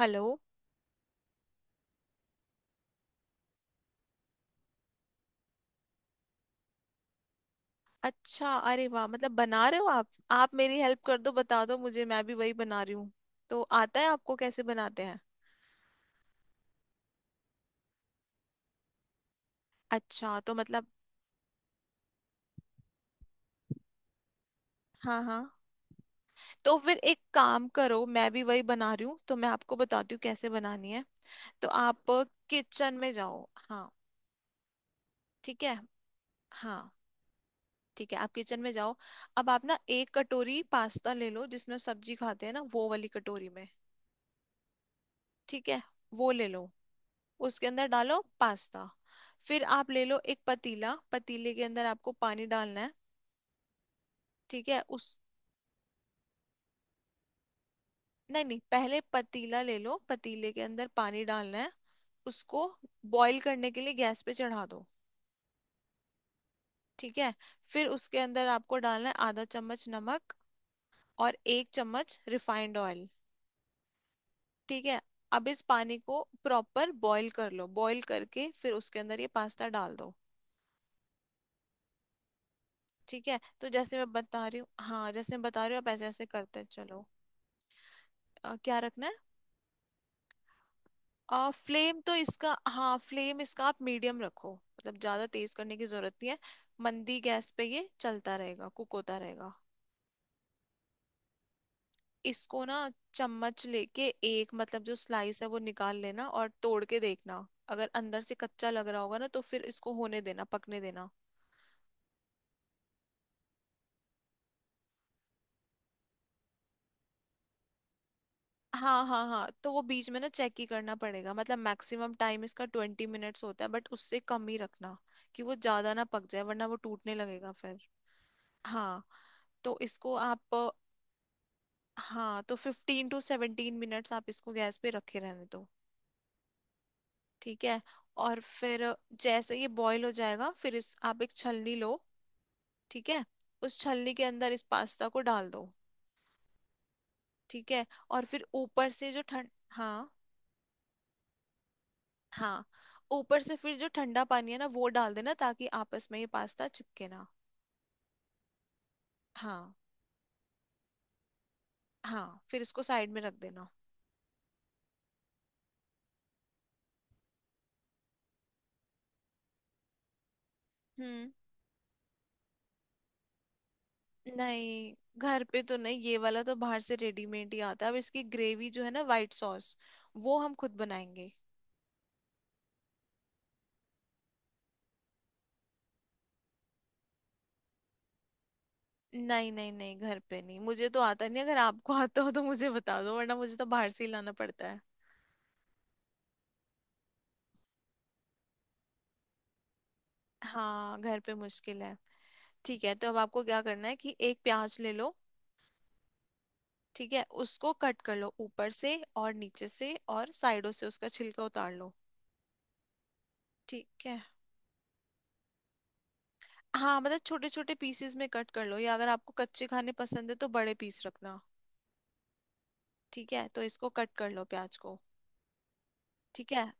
Hello. अच्छा, अरे वाह, मतलब बना रहे हो आप मेरी हेल्प कर दो, बता दो मुझे, मैं भी वही बना रही हूँ। तो आता है आपको कैसे बनाते हैं? अच्छा तो मतलब। हाँ, हाँ। तो फिर एक काम करो, मैं भी वही बना रही हूँ तो मैं आपको बताती हूँ कैसे बनानी है। तो आप किचन में जाओ। हाँ। ठीक है। हाँ, ठीक है आप किचन में जाओ। अब आप ना एक कटोरी पास्ता ले लो, जिसमें हम सब्जी खाते हैं ना वो वाली कटोरी में। ठीक है, वो ले लो। उसके अंदर डालो पास्ता। फिर आप ले लो एक पतीला, पतीले के अंदर आपको पानी डालना है। ठीक है उस। नहीं नहीं, पहले पतीला ले लो, पतीले के अंदर पानी डालना है। उसको बॉईल करने के लिए गैस पे चढ़ा दो। ठीक है। फिर उसके अंदर आपको डालना है आधा चम्मच नमक और एक चम्मच रिफाइंड ऑयल। ठीक है। अब इस पानी को प्रॉपर बॉईल कर लो, बॉईल करके फिर उसके अंदर ये पास्ता डाल दो। ठीक है, तो जैसे मैं बता रही हूँ, हाँ जैसे मैं बता रही हूँ आप ऐसे ऐसे करते चलो। क्या रखना है? फ्लेम तो इसका, हाँ फ्लेम इसका आप मीडियम रखो, मतलब ज्यादा तेज करने की जरूरत नहीं है। मंदी गैस पे ये चलता रहेगा, कुक होता रहेगा। इसको ना चम्मच लेके एक, मतलब जो स्लाइस है वो निकाल लेना और तोड़ के देखना। अगर अंदर से कच्चा लग रहा होगा ना तो फिर इसको होने देना, पकने देना। हाँ हाँ हाँ, तो वो बीच में ना चेक ही करना पड़ेगा, मतलब मैक्सिमम टाइम इसका 20 मिनट्स होता है बट उससे कम ही रखना कि वो ज्यादा ना पक जाए वरना वो टूटने लगेगा फिर। हाँ तो इसको आप, हाँ तो 15 टू 17 मिनट्स आप इसको गैस पे रखे रहने दो। ठीक है। और फिर जैसे ये बॉईल हो जाएगा फिर इस आप एक छलनी लो। ठीक है। उस छलनी के अंदर इस पास्ता को डाल दो। ठीक है। और फिर ऊपर से जो ठंड, हाँ, हाँ ऊपर से फिर जो ठंडा पानी है ना वो डाल देना ताकि आपस में ये पास्ता चिपके ना। हाँ। हाँ फिर इसको साइड में रख देना। हम्म। नहीं, घर पे तो नहीं, ये वाला तो बाहर से रेडीमेड ही आता है। अब इसकी ग्रेवी जो है ना वाइट सॉस, वो हम खुद बनाएंगे। नहीं नहीं नहीं, घर पे नहीं, मुझे तो आता नहीं, अगर आपको आता हो तो मुझे बता दो वरना मुझे तो बाहर से ही लाना पड़ता है। हाँ घर पे मुश्किल है। ठीक है, तो अब आपको क्या करना है कि एक प्याज ले लो। ठीक है, उसको कट कर लो ऊपर से और नीचे से और साइडों से उसका छिलका उतार लो। ठीक है। हाँ, मतलब छोटे छोटे पीसेस में कट कर लो, या अगर आपको कच्चे खाने पसंद है तो बड़े पीस रखना। ठीक है, तो इसको कट कर लो प्याज को। ठीक है।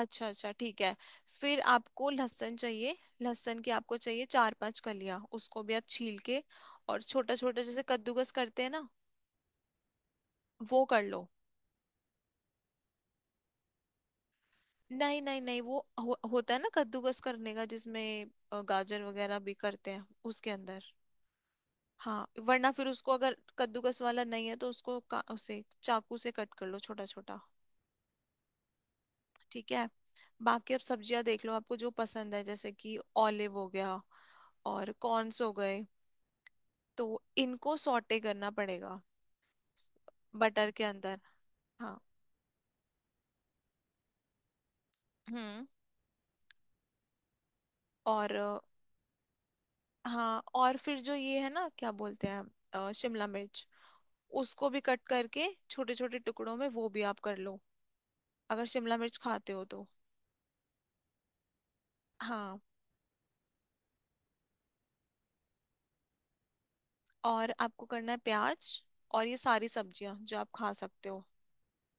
अच्छा अच्छा, ठीक है। फिर आपको लहसुन चाहिए। लहसुन की आपको चाहिए चार पांच कलियां, उसको भी आप छील के और छोटा छोटा जैसे कद्दूकस करते हैं ना वो कर लो। नहीं नहीं नहीं, वो होता है ना कद्दूकस करने का जिसमें गाजर वगैरह भी करते हैं उसके अंदर। हाँ वरना फिर उसको, अगर कद्दूकस वाला नहीं है तो उसको उसे चाकू से कट कर लो छोटा छोटा। ठीक है। बाकी आप सब्जियां देख लो, आपको जो पसंद है जैसे कि ऑलिव हो गया और कॉर्न्स हो गए, तो इनको सॉटे करना पड़ेगा बटर के अंदर। हाँ। हम्म। और हाँ और फिर जो ये है ना क्या बोलते हैं, शिमला मिर्च, उसको भी कट करके छोटे छोटे टुकड़ों में वो भी आप कर लो, अगर शिमला मिर्च खाते हो तो। हाँ। और आपको करना है प्याज और ये सारी सब्जियां जो आप खा सकते हो,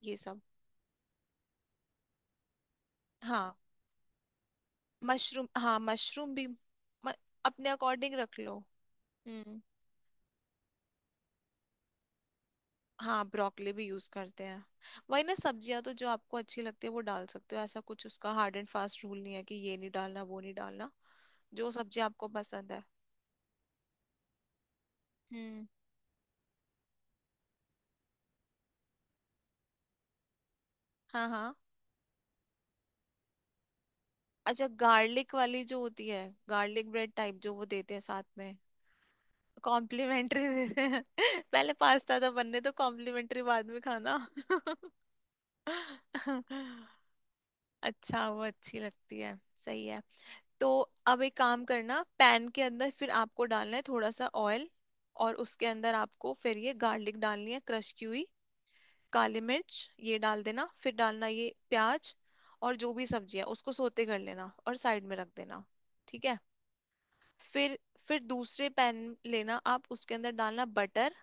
ये सब। हाँ मशरूम, हाँ मशरूम भी अपने अकॉर्डिंग रख लो। हम्म। हाँ ब्रोकली भी यूज करते हैं। वही ना, सब्जियां तो जो आपको अच्छी लगती है वो डाल सकते हो, ऐसा कुछ उसका हार्ड एंड फास्ट रूल नहीं है कि ये नहीं डालना वो नहीं डालना। जो सब्जी आपको पसंद है। हम्म। हाँ हाँ। अच्छा गार्लिक वाली जो होती है, गार्लिक ब्रेड टाइप जो वो देते हैं साथ में। कॉम्प्लीमेंट्री देते हैं पहले पास्ता था बनने तो, कॉम्प्लीमेंट्री बाद में खाना। अच्छा वो अच्छी लगती है। सही है। तो अब एक काम करना, पैन के अंदर फिर आपको डालना है थोड़ा सा ऑयल और उसके अंदर आपको फिर ये गार्लिक डालनी है क्रश की हुई, काली मिर्च ये डाल देना, फिर डालना ये प्याज और जो भी सब्जी है उसको सोते कर लेना और साइड में रख देना। ठीक है। फिर फिर दूसरे पैन लेना आप, उसके अंदर डालना बटर,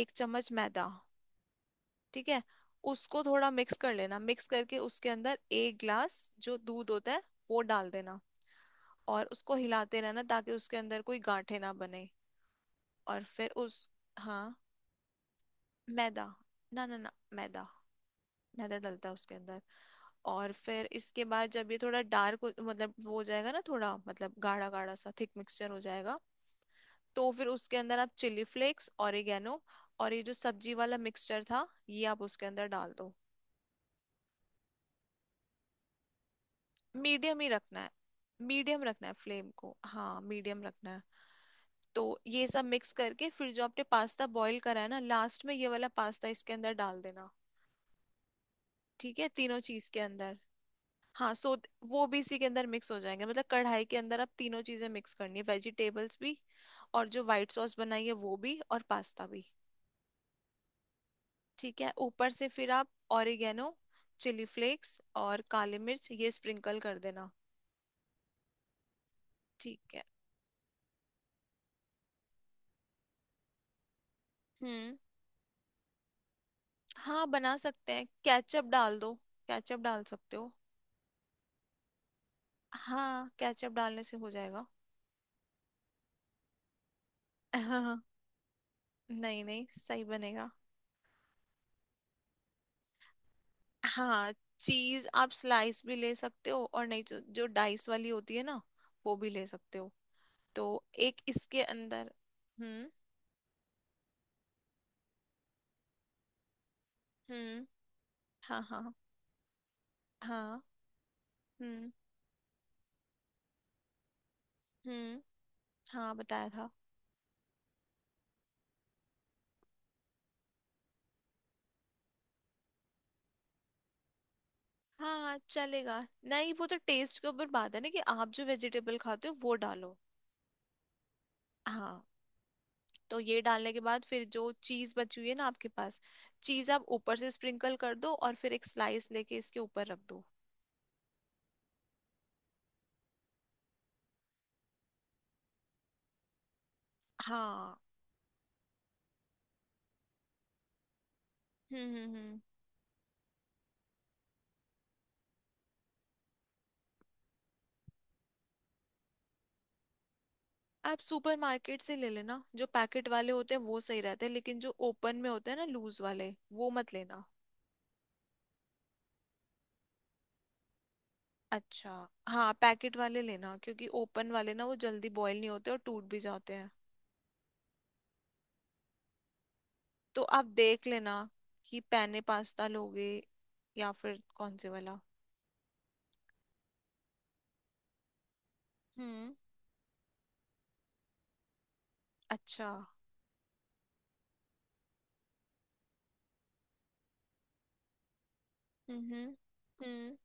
एक चम्मच मैदा। ठीक है। उसको थोड़ा मिक्स कर लेना, मिक्स करके उसके अंदर एक ग्लास जो दूध होता है वो डाल देना, और उसको हिलाते रहना ताकि उसके अंदर कोई गांठें ना बने। और फिर उस, हाँ मैदा। ना ना ना, मैदा। मैदा डलता है उसके अंदर। और फिर इसके बाद जब ये थोड़ा डार्क, मतलब वो हो जाएगा ना थोड़ा, मतलब गाढ़ा गाढ़ा सा थिक मिक्सचर हो जाएगा, तो फिर उसके अंदर आप चिली फ्लेक्स, ऑरिगेनो और ये जो सब्जी वाला मिक्सचर था ये आप उसके अंदर डाल दो। मीडियम ही रखना है। मीडियम रखना है फ्लेम को, हाँ मीडियम रखना है। तो ये सब मिक्स करके फिर जो आपने पास्ता बॉईल करा है ना, लास्ट में ये वाला पास्ता इसके अंदर डाल देना। ठीक है, तीनों चीज के अंदर। हाँ सो वो भी इसी के अंदर मिक्स हो जाएंगे, मतलब कढ़ाई के अंदर आप तीनों चीजें मिक्स करनी है, वेजिटेबल्स भी और जो व्हाइट सॉस बनाई है वो भी और पास्ता भी। ठीक है। ऊपर से फिर आप ऑरिगेनो, चिली फ्लेक्स और काली मिर्च ये स्प्रिंकल कर देना। ठीक है। हम्म। हाँ बना सकते हैं, केचप डाल दो। केचप डाल सकते हो। हाँ केचप डालने से हो जाएगा। नहीं नहीं सही बनेगा। हाँ, चीज आप स्लाइस भी ले सकते हो, और नहीं जो डाइस वाली होती है ना वो भी ले सकते हो। तो एक इसके अंदर। हम्म। हम्म। हाँ। हाँ। हाँ। हम्म। हम्म। हाँ बताया था। हाँ चलेगा। नहीं, वो तो टेस्ट के ऊपर बात है ना, कि आप जो वेजिटेबल खाते हो वो डालो। हाँ। तो ये डालने के बाद फिर जो चीज बची हुई है ना आपके पास, चीज आप ऊपर से स्प्रिंकल कर दो और फिर एक स्लाइस लेके इसके ऊपर रख दो। हाँ। हम्म। आप सुपरमार्केट से ले लेना, जो पैकेट वाले होते हैं वो सही रहते हैं लेकिन जो ओपन में होते हैं ना, लूज वाले, वो मत लेना। अच्छा। हाँ पैकेट वाले लेना क्योंकि ओपन वाले ना वो जल्दी बॉयल नहीं होते और टूट भी जाते हैं। तो आप देख लेना कि पैने पास्ता लोगे या फिर कौन से वाला। हम्म। अच्छा। हम्म, हम्म, हम्म,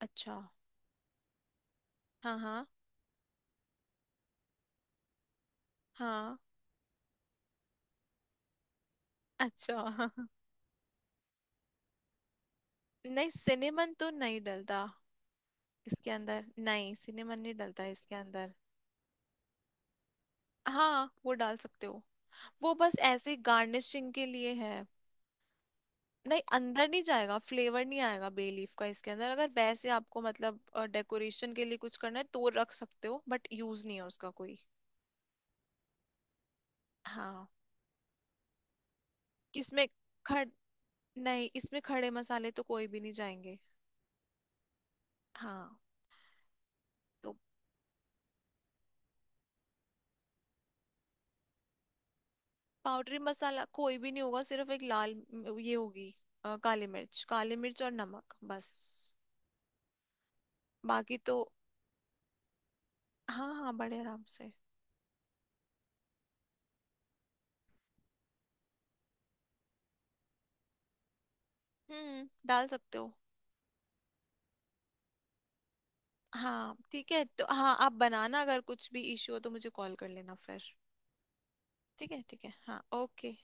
अच्छा। हाँ हाँ हाँ। अच्छा। नहीं सिनेमन तो नहीं डलता इसके अंदर, नहीं सिनेमन नहीं डलता इसके अंदर। हाँ वो डाल सकते हो, वो बस ऐसे गार्निशिंग के लिए है। नहीं अंदर नहीं जाएगा, फ्लेवर नहीं आएगा बे लीफ का इसके अंदर, अगर वैसे आपको मतलब डेकोरेशन के लिए कुछ करना है तो रख सकते हो बट यूज नहीं है उसका कोई। हाँ। इसमें खड़ नहीं इसमें खड़े मसाले तो कोई भी नहीं जाएंगे। हाँ तो पाउडरी मसाला कोई भी नहीं होगा, सिर्फ एक लाल ये होगी, काली मिर्च, काली मिर्च और नमक बस, बाकी तो। हाँ हाँ बड़े आराम से। डाल सकते हो। हाँ ठीक है, तो हाँ आप बनाना, अगर कुछ भी इशू हो तो मुझे कॉल कर लेना फिर। ठीक है हाँ ओके।